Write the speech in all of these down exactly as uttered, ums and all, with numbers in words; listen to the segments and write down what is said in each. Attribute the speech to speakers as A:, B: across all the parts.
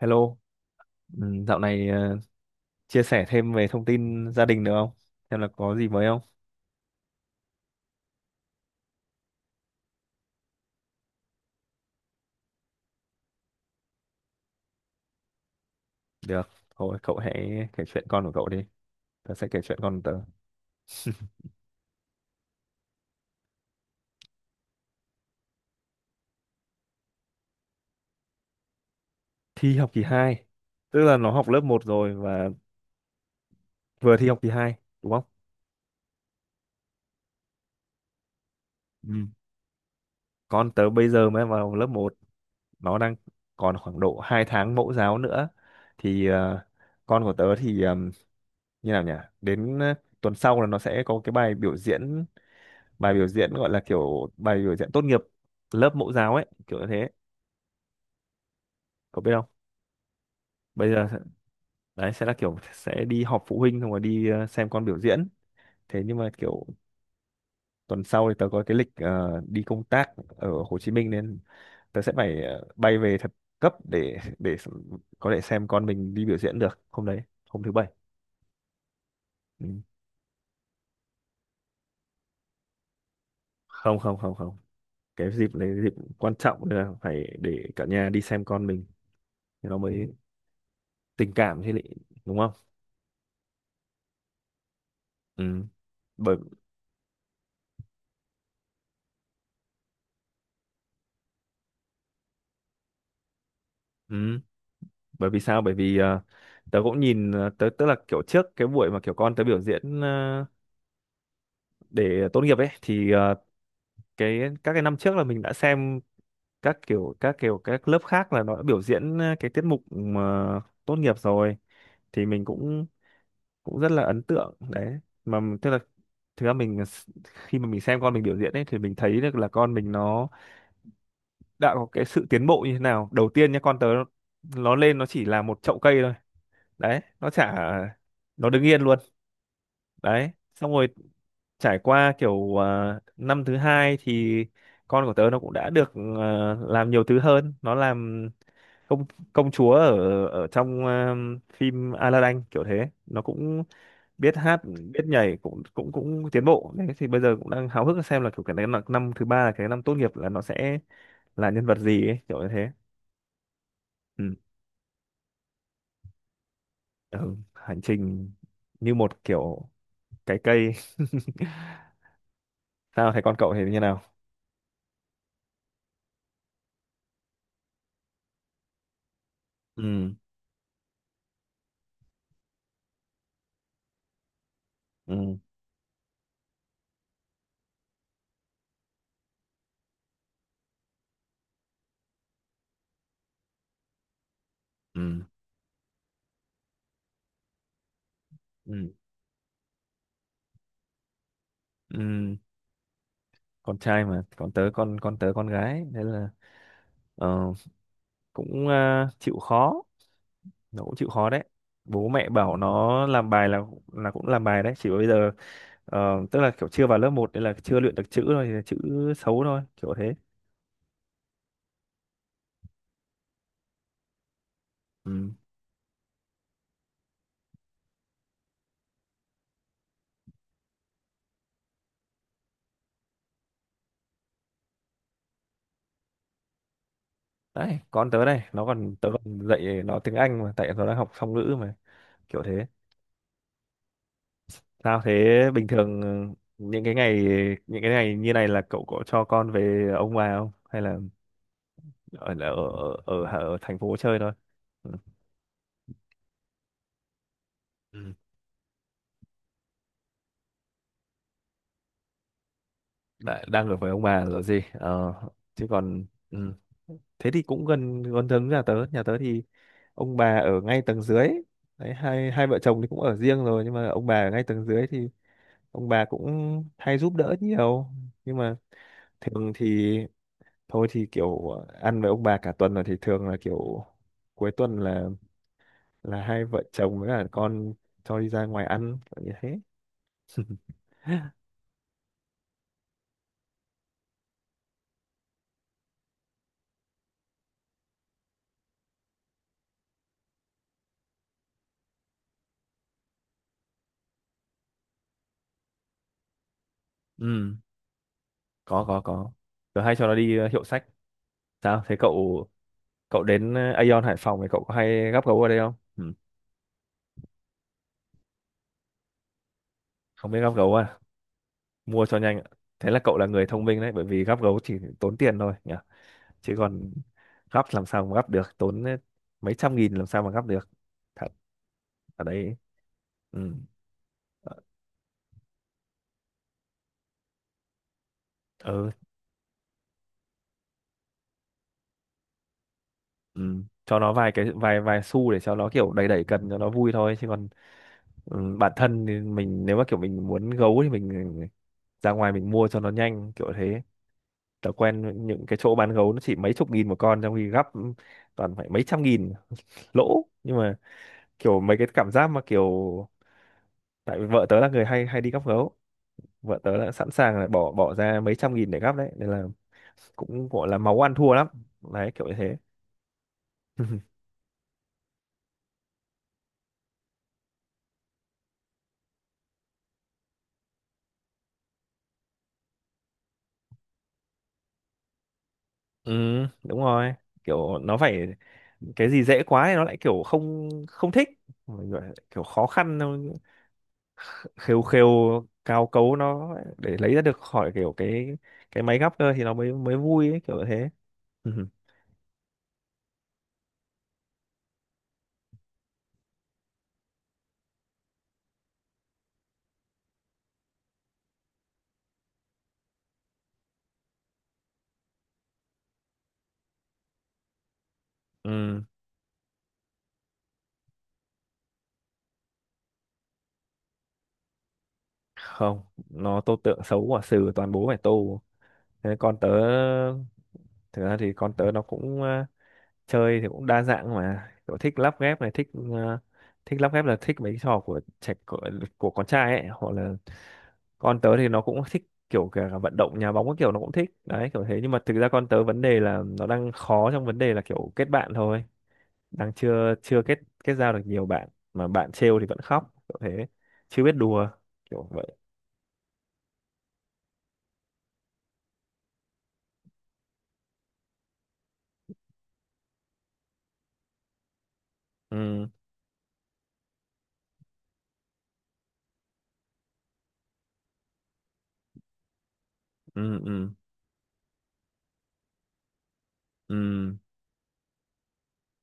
A: Hello, ừ, dạo này ờ, chia sẻ thêm về thông tin gia đình được không? Xem là có gì mới không? Được, thôi cậu hãy kể chuyện con của cậu đi. Tớ sẽ kể chuyện con của tớ. Thi học kỳ hai, tức là nó học lớp một rồi và vừa thi học kỳ hai đúng không? Ừ. Con tớ bây giờ mới vào lớp một, nó đang còn khoảng độ hai tháng mẫu giáo nữa. Thì ờ, con của tớ thì ờ, như nào nhỉ? Đến ờ, tuần sau là nó sẽ có cái bài biểu diễn bài biểu diễn gọi là kiểu bài biểu diễn tốt nghiệp lớp mẫu giáo ấy kiểu như thế, cậu biết không? Bây giờ đấy sẽ là kiểu sẽ đi họp phụ huynh xong rồi đi ờ, xem con biểu diễn. Thế nhưng mà kiểu tuần sau thì tớ có cái lịch ờ, đi công tác ở Hồ Chí Minh, nên tớ sẽ phải ờ, bay về thật cấp để để có thể xem con mình đi biểu diễn được hôm đấy, hôm thứ bảy. Ừ. không không không không cái dịp đấy dịp quan trọng nên là phải để cả nhà đi xem con mình thì nó mới tình cảm chứ lị, đúng không? Ừ, bởi ừ, bởi vì sao? Bởi vì ờ, tớ cũng nhìn ờ, tớ tức là kiểu trước cái buổi mà kiểu con tớ biểu diễn ờ, để tốt nghiệp ấy thì ờ, cái các cái năm trước là mình đã xem các kiểu các kiểu các lớp khác là nó đã biểu diễn ờ, cái tiết mục mà tốt nghiệp rồi, thì mình cũng cũng rất là ấn tượng đấy. Mà m- tức là thực ra mình s- khi mà mình xem con mình biểu diễn ấy thì mình thấy được là con mình nó đã có cái sự tiến bộ như thế nào. Đầu tiên nha, con tớ nó lên nó chỉ là một chậu cây thôi, đấy nó chả nó đứng yên luôn. Đấy xong rồi trải qua kiểu à, năm thứ hai thì con của tớ nó cũng đã được à, làm nhiều thứ hơn, nó làm công công chúa ở ở trong à, phim Aladdin kiểu thế. Nó cũng biết hát biết nhảy, cũng cũng cũng tiến bộ đấy. Thì bây giờ cũng đang háo hức xem là kiểu cái năm năm thứ ba là cái năm tốt nghiệp là nó sẽ là nhân vật gì ấy, kiểu như thế. Ừ. Ừ, hành trình như một kiểu cái cây. Sao thấy con cậu thì như nào? Ừ, ừ, ừ, ừ, ừ, con trai mà. Còn tớ con con tớ con gái nên là ờ, cũng à, chịu khó, nó cũng chịu khó đấy. Bố mẹ bảo nó làm bài là là cũng làm bài đấy. Chỉ bây giờ ờ, tức là kiểu chưa vào lớp một nên là chưa luyện được chữ thôi, thì chữ xấu thôi kiểu thế. Ừ. Đấy con tớ đây nó còn tớ còn dạy nó tiếng Anh, mà tại nó đang học song ngữ mà, kiểu thế. Sao thế? Bình thường ờ, những cái ngày những cái ngày như này là cậu có cho con về ông bà không, hay là ở ở ở, ở, ở thành phố chơi thôi? Ừ. Ừ. Đã, đang ở với ông bà rồi gì. Ờ, chứ còn ừ. Thế thì cũng gần gần giống nhà tớ. Nhà tớ thì ông bà ở ngay tầng dưới đấy. Hai hai vợ chồng thì cũng ở riêng rồi, nhưng mà ông bà ở ngay tầng dưới thì ông bà cũng hay giúp đỡ nhiều. Nhưng mà thường thì thôi thì kiểu ăn với ông bà cả tuần rồi, thì thường là kiểu cuối tuần là là hai vợ chồng với cả con cho đi ra ngoài ăn kiểu như thế. Ừ, có có có tớ hay cho nó đi ờ, hiệu sách. Sao? Thế cậu cậu đến ờ, Aeon Hải Phòng thì cậu có hay gắp gấu ở đây không? Ừ. Không biết gắp gấu à? Mua cho nhanh. Ạ. Thế là cậu là người thông minh đấy, bởi vì gắp gấu chỉ tốn tiền thôi nhỉ. Chứ còn gắp làm sao mà gắp được, tốn ờ, mấy trăm nghìn làm sao mà gắp được. Thật ở đấy. Ừ. Ờ, ừ. Ừ. Cho nó vài cái vài vài xu để cho nó kiểu đẩy đẩy cần cho nó vui thôi, chứ còn ừ, bản thân thì mình nếu mà kiểu mình muốn gấu thì mình ừ, ra ngoài mình mua cho nó nhanh kiểu thế. Tớ quen những cái chỗ bán gấu nó chỉ mấy chục nghìn một con, trong khi gắp toàn phải mấy trăm nghìn lỗ. Nhưng mà kiểu mấy cái cảm giác mà kiểu tại vì vợ tớ là người hay hay đi gắp gấu, vợ tớ đã sẵn sàng là bỏ bỏ ra mấy trăm nghìn để gắp đấy, nên là cũng gọi là máu ăn thua lắm đấy, kiểu như thế. Ừ, đúng rồi, kiểu nó phải cái gì dễ quá thì nó lại kiểu không không thích. Mọi người kiểu khó khăn, khêu khêu cao cấu nó để lấy ra được khỏi kiểu cái cái máy gấp cơ thì nó mới mới vui ấy, kiểu thế. Ừ. Không, nó tô tượng xấu quả sừ, toàn bố phải tô. Thế con tớ thực ra thì con tớ nó cũng ờ, chơi thì cũng đa dạng, mà kiểu thích lắp ghép này, thích ờ, thích lắp ghép là thích mấy cái trò của trẻ của, của con trai ấy. Hoặc là con tớ thì nó cũng thích kiểu cả vận động nhà bóng các kiểu, nó cũng thích đấy kiểu thế. Nhưng mà thực ra con tớ vấn đề là nó đang khó trong vấn đề là kiểu kết bạn thôi, đang chưa chưa kết kết giao được nhiều bạn, mà bạn trêu thì vẫn khóc kiểu thế, chưa biết đùa kiểu vậy. Ừ, ừ, ừ, ừ,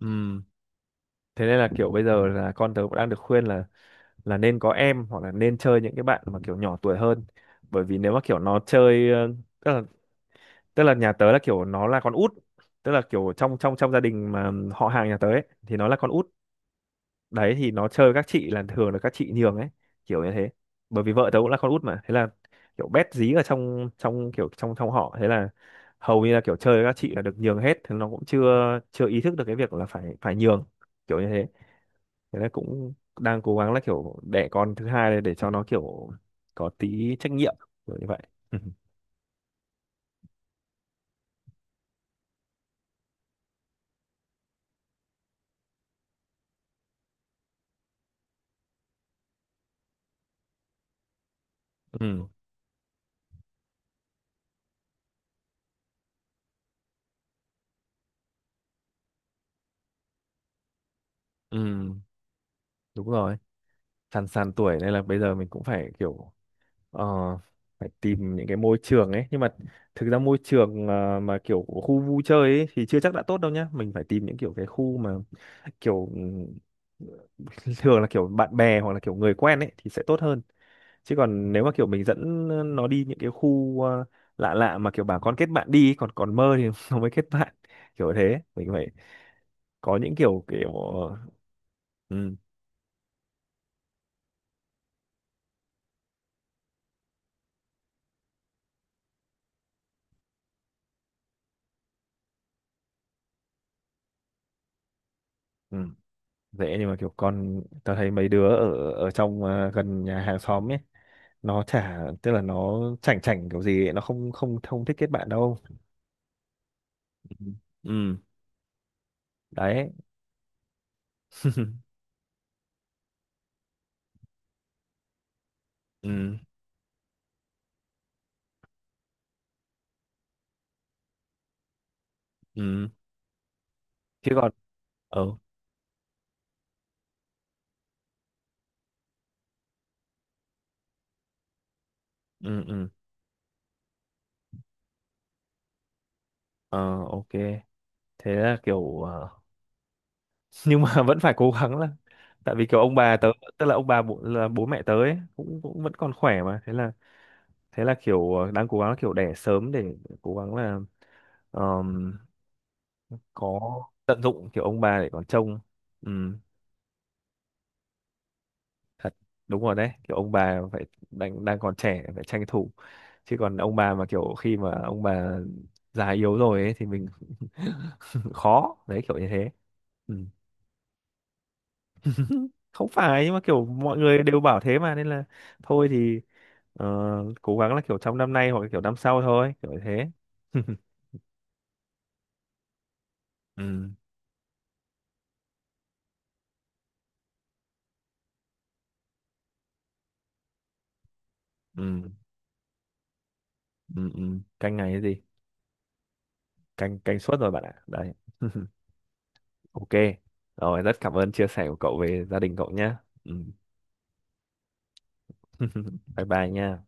A: ừ, thế nên là kiểu bây giờ là con tớ cũng đang được khuyên là là nên có em hoặc là nên chơi những cái bạn mà kiểu nhỏ tuổi hơn. Bởi vì nếu mà kiểu nó chơi ờ, tức là tức là nhà tớ là kiểu nó là con út, tức là kiểu trong trong trong gia đình mà họ hàng nhà tớ ấy thì nó là con út. Đấy thì nó chơi các chị là thường là các chị nhường ấy kiểu như thế, bởi vì vợ tớ cũng là con út mà. Thế là kiểu bét dí ở trong trong kiểu trong trong họ, thế là hầu như là kiểu chơi với các chị là được nhường hết, thì nó cũng chưa chưa ý thức được cái việc là phải phải nhường kiểu như thế. Thế là cũng đang cố gắng là kiểu đẻ con thứ hai này để cho nó kiểu có tí trách nhiệm kiểu như vậy. Ừ, ừ, đúng rồi, sàn sàn tuổi, nên là bây giờ mình cũng phải kiểu ờ, phải tìm những cái môi trường ấy. Nhưng mà thực ra môi trường à, mà kiểu khu vui chơi ấy thì chưa chắc đã tốt đâu nhá, mình phải tìm những kiểu cái khu mà kiểu ừ, thường là kiểu bạn bè hoặc là kiểu người quen ấy thì sẽ tốt hơn. Chứ còn nếu mà kiểu mình dẫn nó đi những cái khu à, lạ lạ mà kiểu bà con kết bạn đi ấy, còn còn mơ thì nó mới kết bạn kiểu thế. Mình phải có những kiểu kiểu ừ, ừ. Dễ nhưng mà kiểu con tao thấy mấy đứa ở ở trong ờ, gần nhà hàng xóm ấy, nó chả tức là nó chảnh chảnh kiểu gì ấy, nó không không không thích kết bạn đâu. Ừ, ừ, đấy. Ừ, ừ, chứ còn ờ ừ ừ ờ ok, thế là kiểu ờ, nhưng mà vẫn phải cố gắng là tại vì kiểu ông bà tớ, tức là ông bà bố, là bố mẹ tớ ấy, cũng cũng vẫn còn khỏe mà. Thế là thế là kiểu ờ, đang cố gắng kiểu đẻ sớm để cố gắng là có tận dụng kiểu ông bà để còn trông. Ừ, thật đúng rồi đấy, kiểu ông bà phải đang đang còn trẻ phải tranh thủ. Chứ còn ông bà mà kiểu khi mà ông bà già yếu rồi ấy thì mình khó đấy kiểu như thế. Ừ. Không phải, nhưng mà kiểu mọi người đều bảo thế mà, nên là thôi thì ờ, cố gắng là kiểu trong năm nay hoặc là kiểu năm sau thôi, kiểu như thế. Ừ, ừ, ừ, ừ. Canh ngày cái gì, canh canh suốt rồi bạn ạ đấy. Ok, rồi rất cảm ơn chia sẻ của cậu về gia đình cậu nhé. Ừ. Bye bye nha.